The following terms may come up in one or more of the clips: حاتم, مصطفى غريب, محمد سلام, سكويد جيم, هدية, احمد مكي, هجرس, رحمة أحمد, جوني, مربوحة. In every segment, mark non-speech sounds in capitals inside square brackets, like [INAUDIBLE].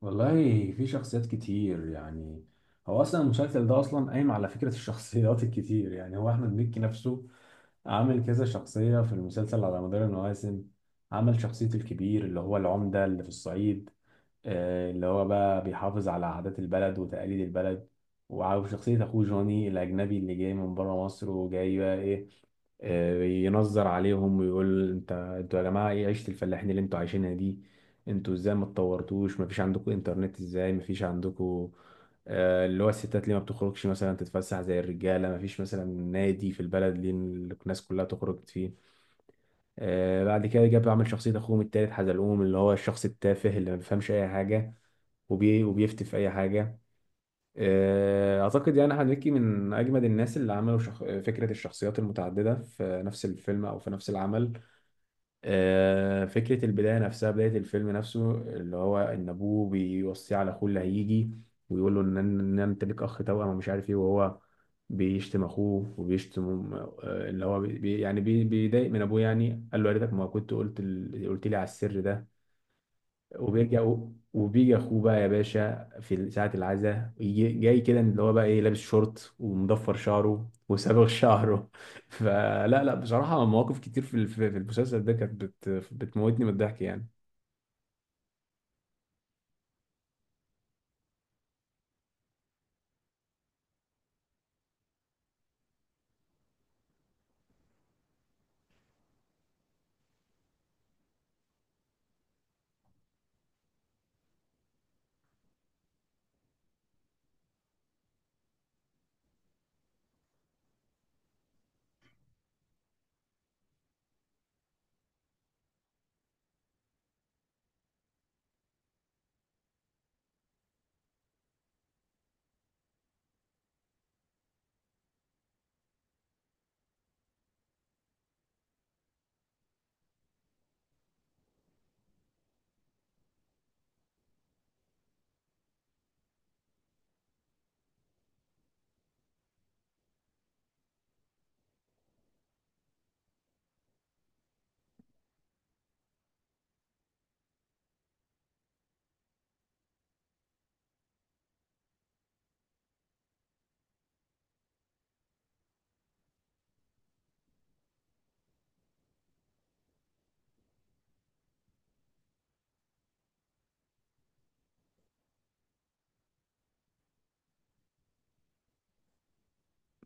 والله في شخصيات كتير يعني. هو اصلا المسلسل ده اصلا قايم على فكره الشخصيات [LAUGHS] الكتير، يعني هو احمد مكي نفسه عامل كذا شخصيه في المسلسل على مدار المواسم. عمل شخصيه الكبير اللي هو العمده اللي في الصعيد، اللي هو بقى بيحافظ على عادات البلد وتقاليد البلد، وشخصيه اخوه جوني الاجنبي اللي جاي من بره مصر وجاي بقى ايه. ينظر عليهم ويقول انتوا يا جماعه ايه عيشه الفلاحين اللي انتوا عايشينها دي، انتوا ازاي ما اتطورتوش؟ ما فيش عندكم انترنت؟ ازاي ما فيش عندكم؟ اللي هو الستات ليه ما بتخرجش مثلا تتفسح زي الرجاله؟ ما فيش مثلا نادي في البلد ليه الناس كلها تخرج فيه؟ بعد كده جاب عمل شخصيه اخوهم التالت حزلقوم اللي هو الشخص التافه اللي ما بيفهمش اي حاجه وبيفتي في اي حاجه. اعتقد يعني احمد مكي من اجمد الناس اللي عملوا فكره الشخصيات المتعدده في نفس الفيلم او في نفس العمل. فكره البدايه نفسها، بدايه الفيلم نفسه اللي هو ان ابوه بيوصيه على اخوه اللي هيجي ويقول له ان انت ليك اخ توأم ومش عارف ايه، وهو بيشتم اخوه وبيشتم، اللي هو بيضايق من ابوه، يعني قال له يا ريتك ما كنت قلت لي على السر ده. وبيجي اخوه بقى يا باشا في ساعة العزاء، جاي كده اللي هو بقى ايه، لابس شورت ومضفر شعره وصابغ شعره. [LAUGHS] فلا لا، بصراحة مواقف كتير في ال- في في المسلسل ده كانت بتموتني من الضحك يعني.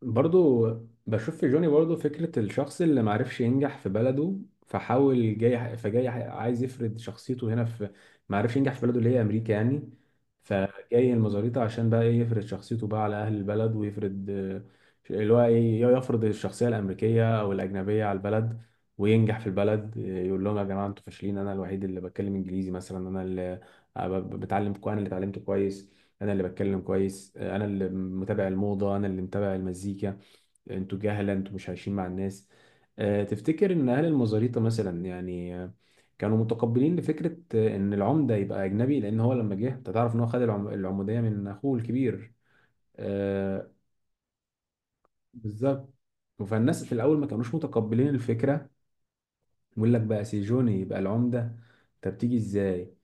برضو بشوف في جوني برضو فكرة الشخص اللي معرفش ينجح في بلده، فحاول جاي فجاي عايز يفرض شخصيته هنا في، معرفش ينجح في بلده اللي هي أمريكا يعني. فجاي المزاريطة عشان بقى إيه يفرض شخصيته بقى على أهل البلد ويفرض، اللي هو إيه، يفرض الشخصية الأمريكية أو الأجنبية على البلد وينجح في البلد. يقول لهم يا جماعة أنتوا فاشلين، أنا الوحيد اللي بتكلم إنجليزي مثلا، أنا اللي أنا اللي اتعلمت كويس، انا اللي بتكلم كويس، انا اللي متابع الموضه، انا اللي متابع المزيكا، انتوا جهله، انتوا مش عايشين مع الناس. تفتكر ان اهل المزاريطه مثلا يعني، كانوا متقبلين لفكره ان العمده يبقى اجنبي؟ لان هو لما جه انت تعرف ان هو خد العموديه من اخوه الكبير. آه، بالظبط. فالناس في الاول ما كانوش متقبلين الفكره، يقول لك بقى سيجوني يبقى العمده؟ طب تيجي ازاي؟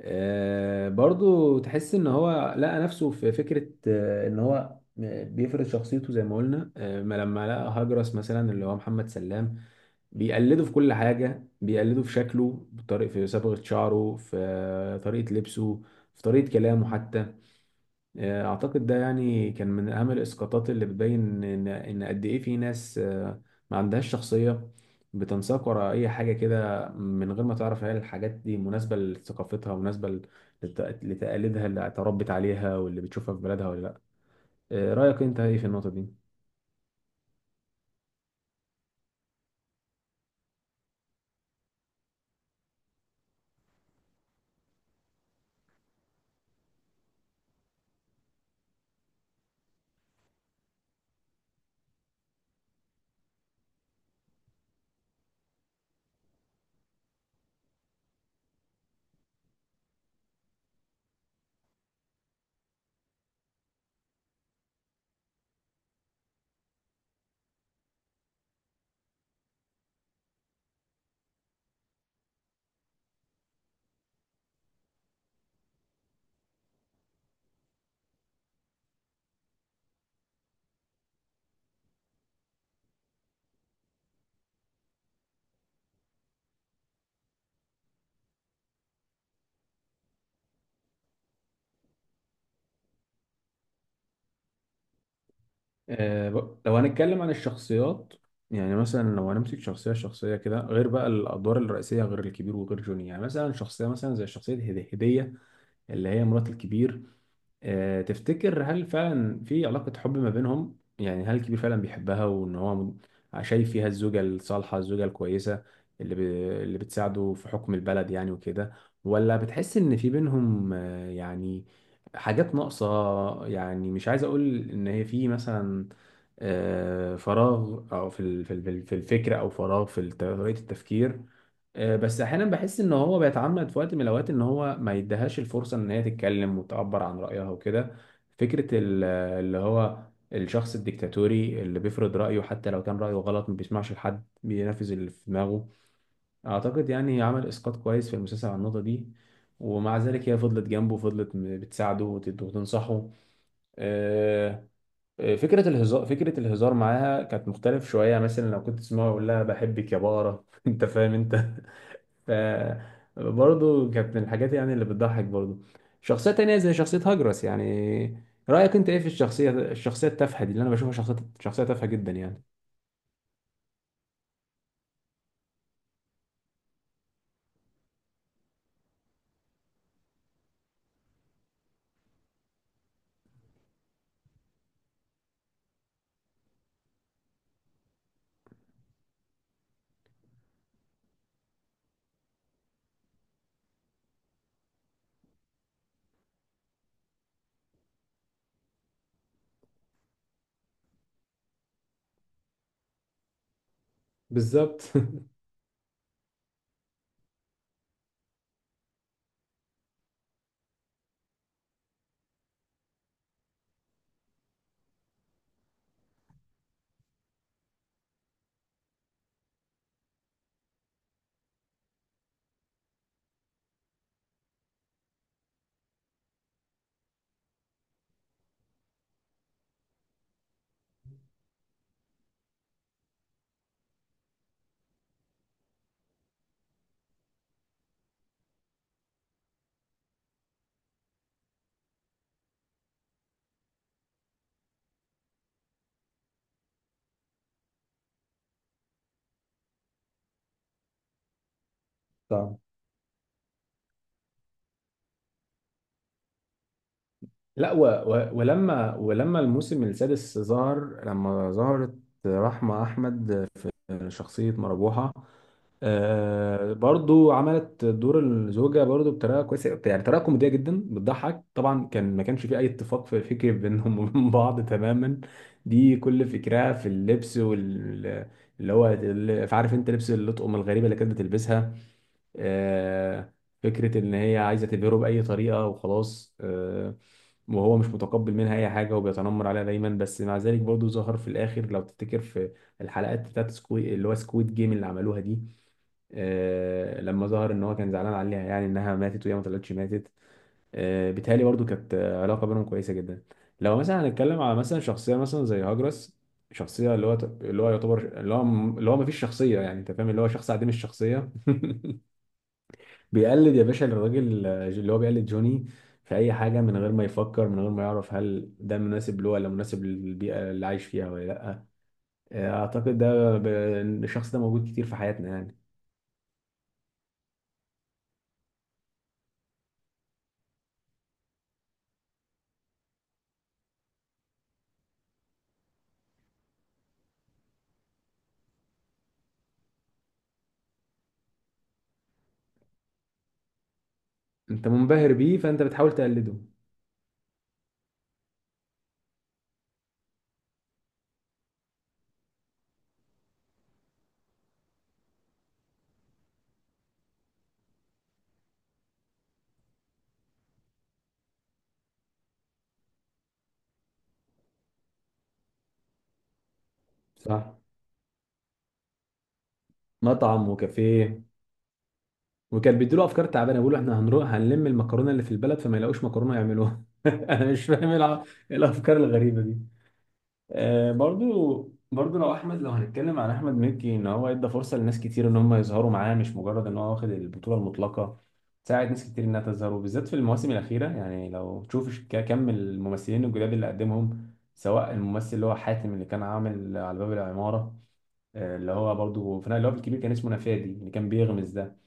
برضو تحس ان هو لقى نفسه في فكرة ان هو بيفرض شخصيته زي ما قلنا، آه، ما لما لقى هجرس مثلا اللي هو محمد سلام بيقلده في كل حاجة، بيقلده في شكله، بطريقة في صبغة شعره، في طريقة لبسه، في طريقة كلامه حتى. اعتقد ده يعني كان من اهم الاسقاطات اللي بتبين ان قد ايه في ناس ما عندهاش شخصيه، بتنساق وراء اي حاجه كده من غير ما تعرف هل الحاجات دي مناسبه لثقافتها، مناسبه لتقاليدها اللي اتربت عليها واللي بتشوفها في بلدها ولا لا. رايك انت ايه في النقطه دي؟ لو هنتكلم عن الشخصيات، يعني مثلا لو هنمسك شخصية شخصية كده غير بقى الأدوار الرئيسية، غير الكبير وغير جوني، يعني مثلا شخصية مثلا زي شخصية هدية اللي هي مرات الكبير. تفتكر هل فعلا في علاقة حب ما بينهم؟ يعني هل الكبير فعلا بيحبها وان هو شايف فيها الزوجة الصالحة، الزوجة الكويسة اللي ب... اللي بتساعده في حكم البلد يعني وكده؟ ولا بتحس ان في بينهم يعني حاجات ناقصة؟ يعني مش عايز اقول ان هي في مثلا فراغ، او في الفكر، او فراغ طريقة التفكير. بس احيانا بحس ان هو بيتعمد في وقت من الاوقات ان هو ما يديهاش الفرصه ان هي تتكلم وتعبر عن رايها وكده. فكره ال- اللي هو الشخص الديكتاتوري اللي بيفرض رايه حتى لو كان رايه غلط، ما بيسمعش لحد، بينفذ اللي في دماغه. اعتقد يعني عمل اسقاط كويس في المسلسل على النقطه دي. ومع ذلك هي فضلت جنبه، فضلت بتساعده وتنصحه. آه، فكرة الهزار، فكرة الهزار معاها كانت مختلف شوية، مثلا لو كنت تسمعه يقول لها بحبك يا بارة [LAUGHS] انت فاهم انت. ف برضه كانت من الحاجات يعني اللي بتضحك برضه. شخصية تانية زي شخصية هجرس يعني، رأيك انت ايه في الشخصية الشخصية التافهة دي اللي انا بشوفها شخصية شخصية تافهة جدا يعني؟ بالظبط. [LAUGHS] طبعا. لا، ولما الموسم السادس ظهر لما ظهرت رحمة أحمد في شخصية مربوحة، آه برضو عملت دور الزوجة برضو بطريقة كويسة، يعني طريقة كوميدية جدا بتضحك طبعا. كان ما كانش في أي اتفاق في فكري بينهم وبين [LAUGHS] بعض تماما. دي كل فكرها في اللبس وال، اللي هو عارف انت لبس اللطقم الغريبة اللي كانت بتلبسها. آه، فكرة ان هي عايزة تبهره بأي طريقة وخلاص. آه، وهو مش متقبل منها أي حاجة وبيتنمر عليها دايما. بس مع ذلك برضو ظهر في الآخر لو تفتكر في الحلقات بتاعت سكوي اللي هو سكويد جيم اللي عملوها دي. لما ظهر ان هو كان زعلان عليها، يعني انها ماتت وهي ما طلعتش ماتت. بيتهيألي برضو كانت علاقه بينهم كويسه جدا. لو مثلا هنتكلم على مثلا شخصيه مثلا زي هاجرس، شخصيه اللي هو اللي هو يعتبر اللي هو اللي هو ما فيش شخصيه، يعني انت فاهم اللي هو شخص عديم الشخصيه. [LAUGHS] بيقلد يا باشا الراجل، اللي هو بيقلد جوني في اي حاجه، من غير ما يفكر، من غير ما يعرف هل ده مناسب له ولا مناسب للبيئه اللي عايش فيها ولا لا. آه، اعتقد ده ب- الشخص ده موجود كتير في حياتنا يعني. انت منبهر بيه فانت بتحاول تقلده. صح، مطعم وكافيه، وكان بيديله افكار تعبانه، بيقولوا احنا هنروح هنلم المكرونه اللي في البلد فما يلاقوش مكرونه يعملوها. [LAUGHS] انا مش فاهم إيه الافكار الغريبه دي. آه، برضو لو احمد، لو هنتكلم عن احمد مكي، ان هو ادى فرصه لناس كتير ان هم يظهروا معاه، مش مجرد ان هو واخد البطوله المطلقه. ساعد ناس كتير انها تظهر، وبالذات في المواسم الاخيره يعني، لو تشوف كم الممثلين الجداد اللي قدمهم، سواء الممثل اللي هو حاتم اللي كان عامل على باب العماره، اللي هو برضه في اللي هو في الكبير كان اسمه نفادي اللي كان بيغمز ده.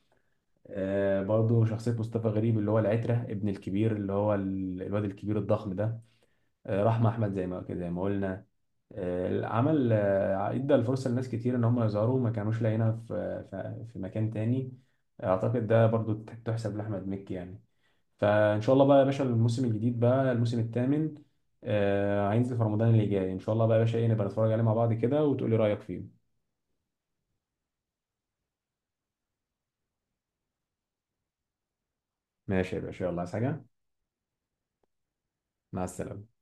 برضه شخصية مصطفى غريب اللي هو العترة ابن الكبير اللي هو الواد الكبير الضخم ده. رحمة أحمد زي ما قلنا. آه، عمل آه، ادى الفرصة لناس كتير إن هم يظهروا، ما كانوش لاقيينها في مكان تاني. أعتقد ده برضه تحسب لأحمد مكي يعني. فإن شاء الله بقى يا باشا الموسم الجديد بقى، الموسم الثامن هينزل في رمضان اللي جاي، إن شاء الله بقى يا باشا إيه نبقى نتفرج عليه مع بعض كده وتقولي رأيك فيه. ماشي يا باشا، يلا عايز حاجة؟ مع السلامة.